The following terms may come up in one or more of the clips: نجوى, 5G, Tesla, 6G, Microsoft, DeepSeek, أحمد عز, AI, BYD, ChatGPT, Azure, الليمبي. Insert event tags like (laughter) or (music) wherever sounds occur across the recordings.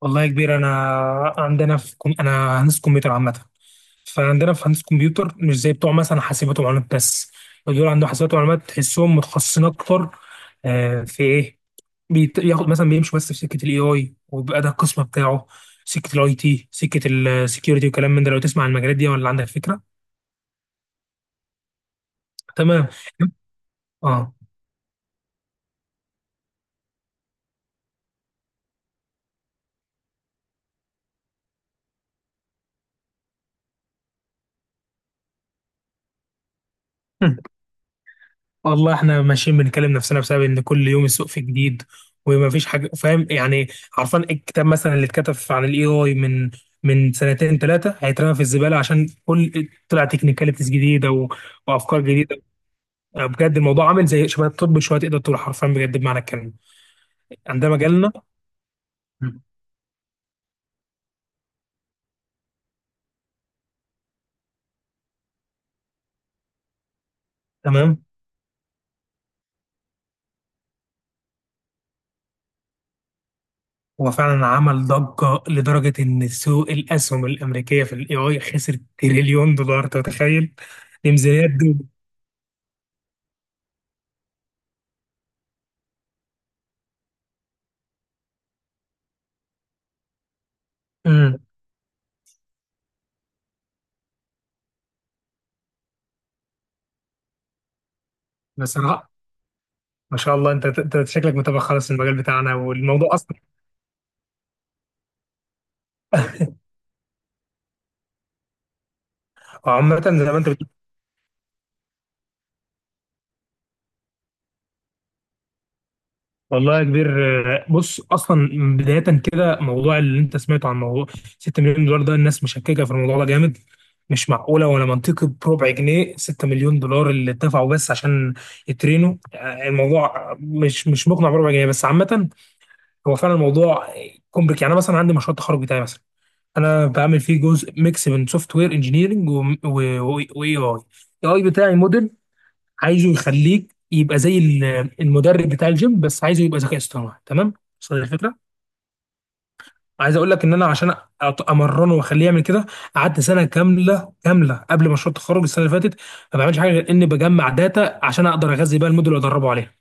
والله يا كبير، انا هندسه كمبيوتر عامه. فعندنا في هندسه كمبيوتر، مش زي بتوع مثلا حاسبات ومعلومات بس. دول عندهم حاسبات ومعلومات تحسهم متخصصين اكتر. في ايه؟ ياخد مثلا، بيمشوا بس في سكه الاي اي، وبيبقى ده القسم بتاعه. سكه الاي تي، سكه السكيورتي، وكلام من ده. لو تسمع عن المجالات دي ولا عندك فكره؟ تمام. اه. (laughs) والله احنا ماشيين بنكلم نفسنا بسبب ان كل يوم السوق فيه جديد، وما فيش حاجه، فاهم يعني؟ عارفان الكتاب مثلا اللي اتكتب عن الاي اي من سنتين ثلاثه، هيترمى في الزباله عشان كل طلع تكنيكاليتيز جديده وافكار جديده. يعني بجد الموضوع عامل زي شبه الطب شويه، تقدر تقول حرفيا بجد بمعنى الكلمه. عندما جالنا. تمام. هو فعلا عمل ضجه لدرجه ان سوق الاسهم الامريكيه في الاي اي خسر تريليون دولار، أنت متخيل؟ دي ميزانيات دول. امم. بصراحه ما شاء الله، انت شكلك متابع خالص المجال بتاعنا والموضوع اصلا. عامة زي ما انت بتقول. والله يا كبير، بص اصلا. بداية كده، موضوع اللي انت سمعته عن موضوع 6 مليون دولار ده، الناس مشككة في الموضوع ده جامد. مش معقولة ولا منطقي بربع جنيه، 6 مليون دولار اللي اتدفعوا بس عشان يترينوا. الموضوع مش مقنع بربع جنيه بس. عامة هو فعلا الموضوع كومبليك. يعني أنا مثلا عندي مشروع التخرج بتاعي مثلا، انا بعمل فيه جزء ميكس بين سوفت وير انجينيرنج واي اي. اي بتاعي موديل عايزه يخليك يبقى زي المدرب بتاع الجيم، بس عايزه يبقى ذكاء اصطناعي، تمام؟ وصل الفكره؟ عايز اقول لك ان انا، عشان امرنه واخليه يعمل كده، قعدت سنه كامله كامله قبل مشروع التخرج السنه اللي فاتت، ما بعملش حاجه غير اني بجمع داتا عشان اقدر اغذي بيها الموديل وادربه عليها.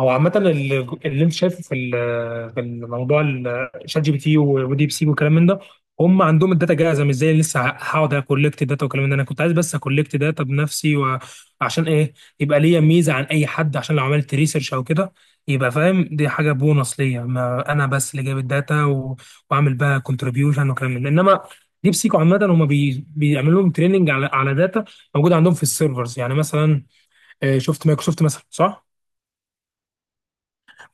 هو عامة اللي انت شايفه في في الموضوع، شات جي بي تي وديب سيك والكلام من ده، هم عندهم الداتا جاهزة. مش زي اللي لسه هقعد اكولكت داتا والكلام من ده. انا كنت عايز بس اكولكت داتا بنفسي. وعشان ايه؟ يبقى ليا ميزة عن اي حد، عشان لو عملت ريسيرش او كده، يبقى فاهم دي حاجة بونص ليا، ما انا بس اللي جايب الداتا واعمل بقى كونتريبيوشن وكلام من ده. انما ديب سيك عامة، هم بيعملوا لهم تريننج على داتا موجودة عندهم في السيرفرز. يعني مثلا شفت مايكروسوفت مثلا صح؟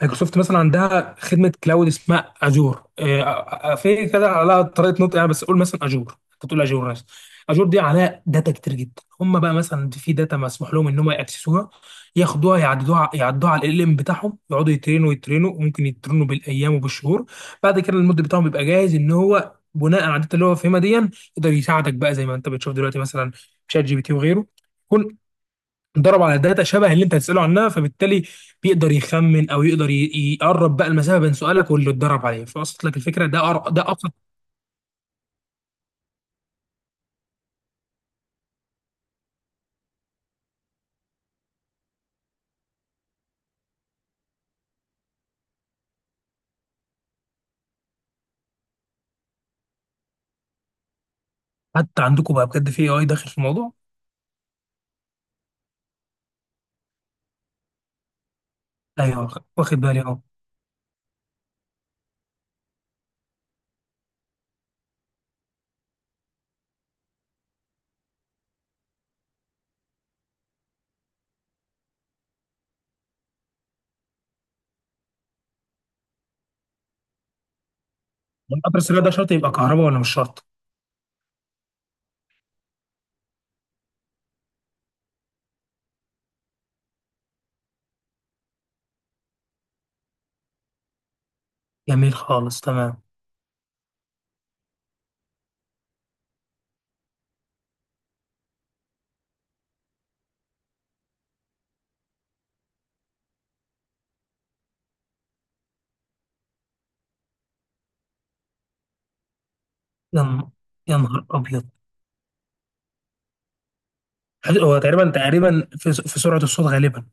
مايكروسوفت مثلا عندها خدمه كلاود اسمها اجور. في كده على طريقه نطق يعني، بس قول مثلا اجور، انت تقول اجور ناس. اجور دي عليها داتا كتير جدا. هم بقى مثلا في داتا مسموح لهم ان هم ياكسسوها، ياخدوها، يعددوها، يعدوها على ال ام بتاعهم، يقعدوا يترينوا يترينوا، وممكن يترينوا بالايام وبالشهور. بعد كده المود بتاعهم بيبقى جاهز، ان هو بناء على الداتا اللي هو فاهمها دي، يقدر يساعدك. بقى زي ما انت بتشوف دلوقتي، مثلا شات جي بي تي وغيره، اتدرب على داتا شبه اللي انت هتساله عنها، فبالتالي بيقدر يخمن او يقدر يقرب بقى المسافه بين سؤالك واللي اتدرب عليه. فوصلت لك الفكره؟ ده ابسط. حتى عندكم بقى بجد في اي اي داخل في الموضوع؟ ايوه، واخد بالي اهو. القطر السريع ده شرط يبقى كهرباء ولا مش شرط؟ جميل خالص، تمام. يا ن- يا نهار ابيض. هو تقريبا تقريبا في سرعه الصوت غالبا.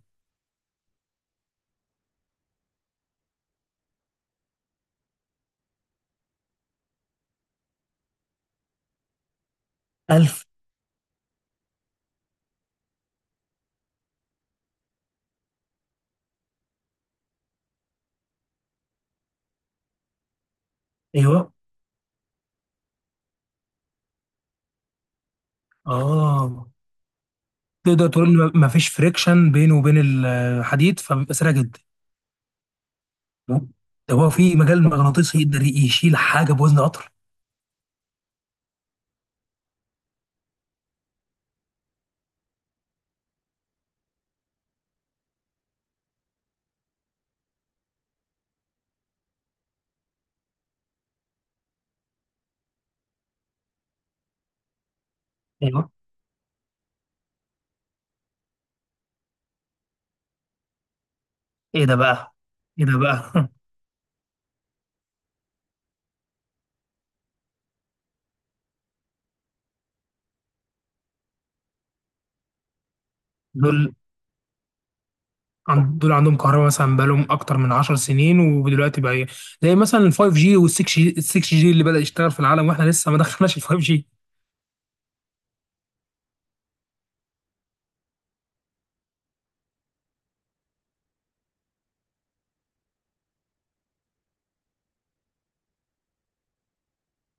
1000. ايوه، اه. تقدر تقول ما فيش فريكشن بينه وبين الحديد، فبيبقى سريع جدا. ده هو في مجال مغناطيسي يقدر يشيل حاجه بوزن قطر. ايوه. ايه ده بقى؟ ايه ده بقى؟ (laughs) دول دول عندهم كهرباء مثلا بقالهم اكتر من 10 سنين. ودلوقتي بقى إيه؟ زي مثلا ال 5G وال 6G اللي بدأ يشتغل في العالم، واحنا لسه ما دخلناش ال 5G.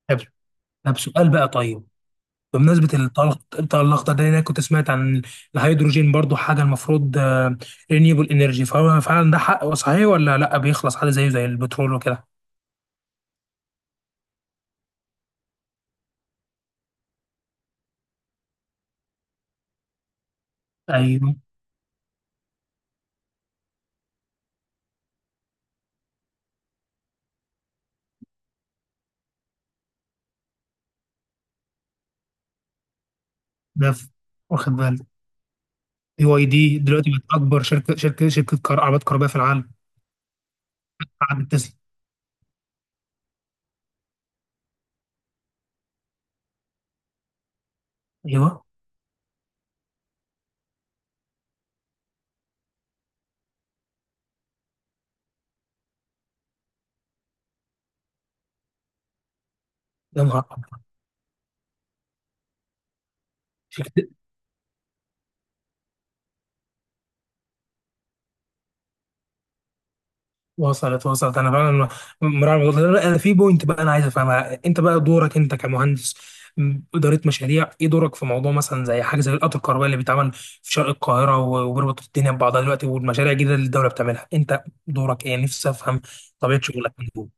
طب طب سؤال بقى. طيب بمناسبة الطاقة الأخضر ده، أنا كنت سمعت عن الهيدروجين برضو، حاجة المفروض رينيوبل انرجي. فهو فعلا ده حق؟ صحيح ولا لا بيخلص عادي زيه زي البترول وكده؟ ايوه. ده ف- واخد بالي. بي واي دي دلوقتي بقت اكبر شركه كار عربيات كهربائيه في العالم بعد تسلا. ايوه. يا نهار أبيض. شركة- وصلت وصلت انا فعلا مراعي الموضوع ده. لا، انا في بوينت بقى انا عايز افهمها. انت بقى دورك انت كمهندس اداره مشاريع ايه؟ دورك في موضوع مثلا زي حاجه زي القطر الكهربائي اللي بيتعمل في شرق القاهره وبيربط الدنيا ببعضها دلوقتي، والمشاريع الجديده اللي الدوله بتعملها، انت دورك ايه؟ نفسي افهم طبيعه شغلك من دول.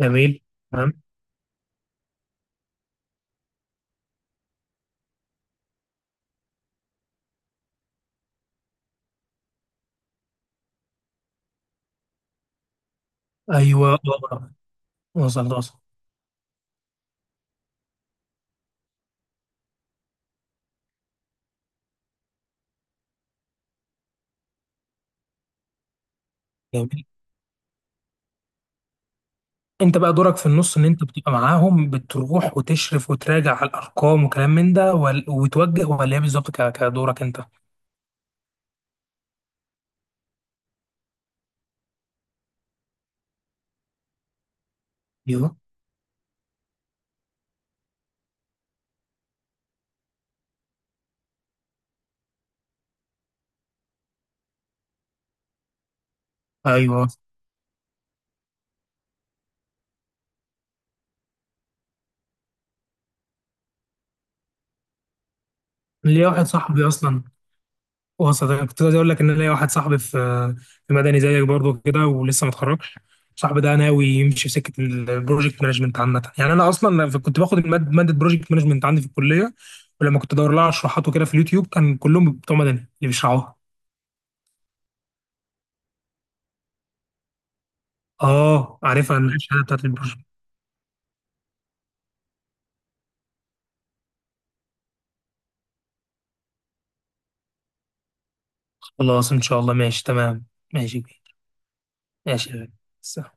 جميل، تمام. ايوه. آه. وصلت وصلت. جميل. انت بقى دورك في النص، ان انت بتبقى معاهم، بتروح وتشرف وتراجع على الارقام وكلام من ده، وتوجه، ولا ايه بالظبط كدورك انت؟ ايوه ايوه. ليا واحد صاحبي اصلا، وسط. أنا كنت عايز اقول لك ان أنا ليا واحد صاحبي في مدني زيك برضه كده، ولسه ما اتخرجش. صاحبي ده ناوي يمشي في سكه البروجكت مانجمنت عامه يعني. انا اصلا كنت باخد ماده بروجكت مانجمنت عندي في الكليه، ولما كنت ادور لها على شروحات وكده في اليوتيوب كان كلهم بتوع مدني اللي بيشرحوها. اه، عارفها الشهاده بتاعت. خلاص إن شاء الله، ماشي تمام. ماشي كبير. ماشي يا غالي. سلام.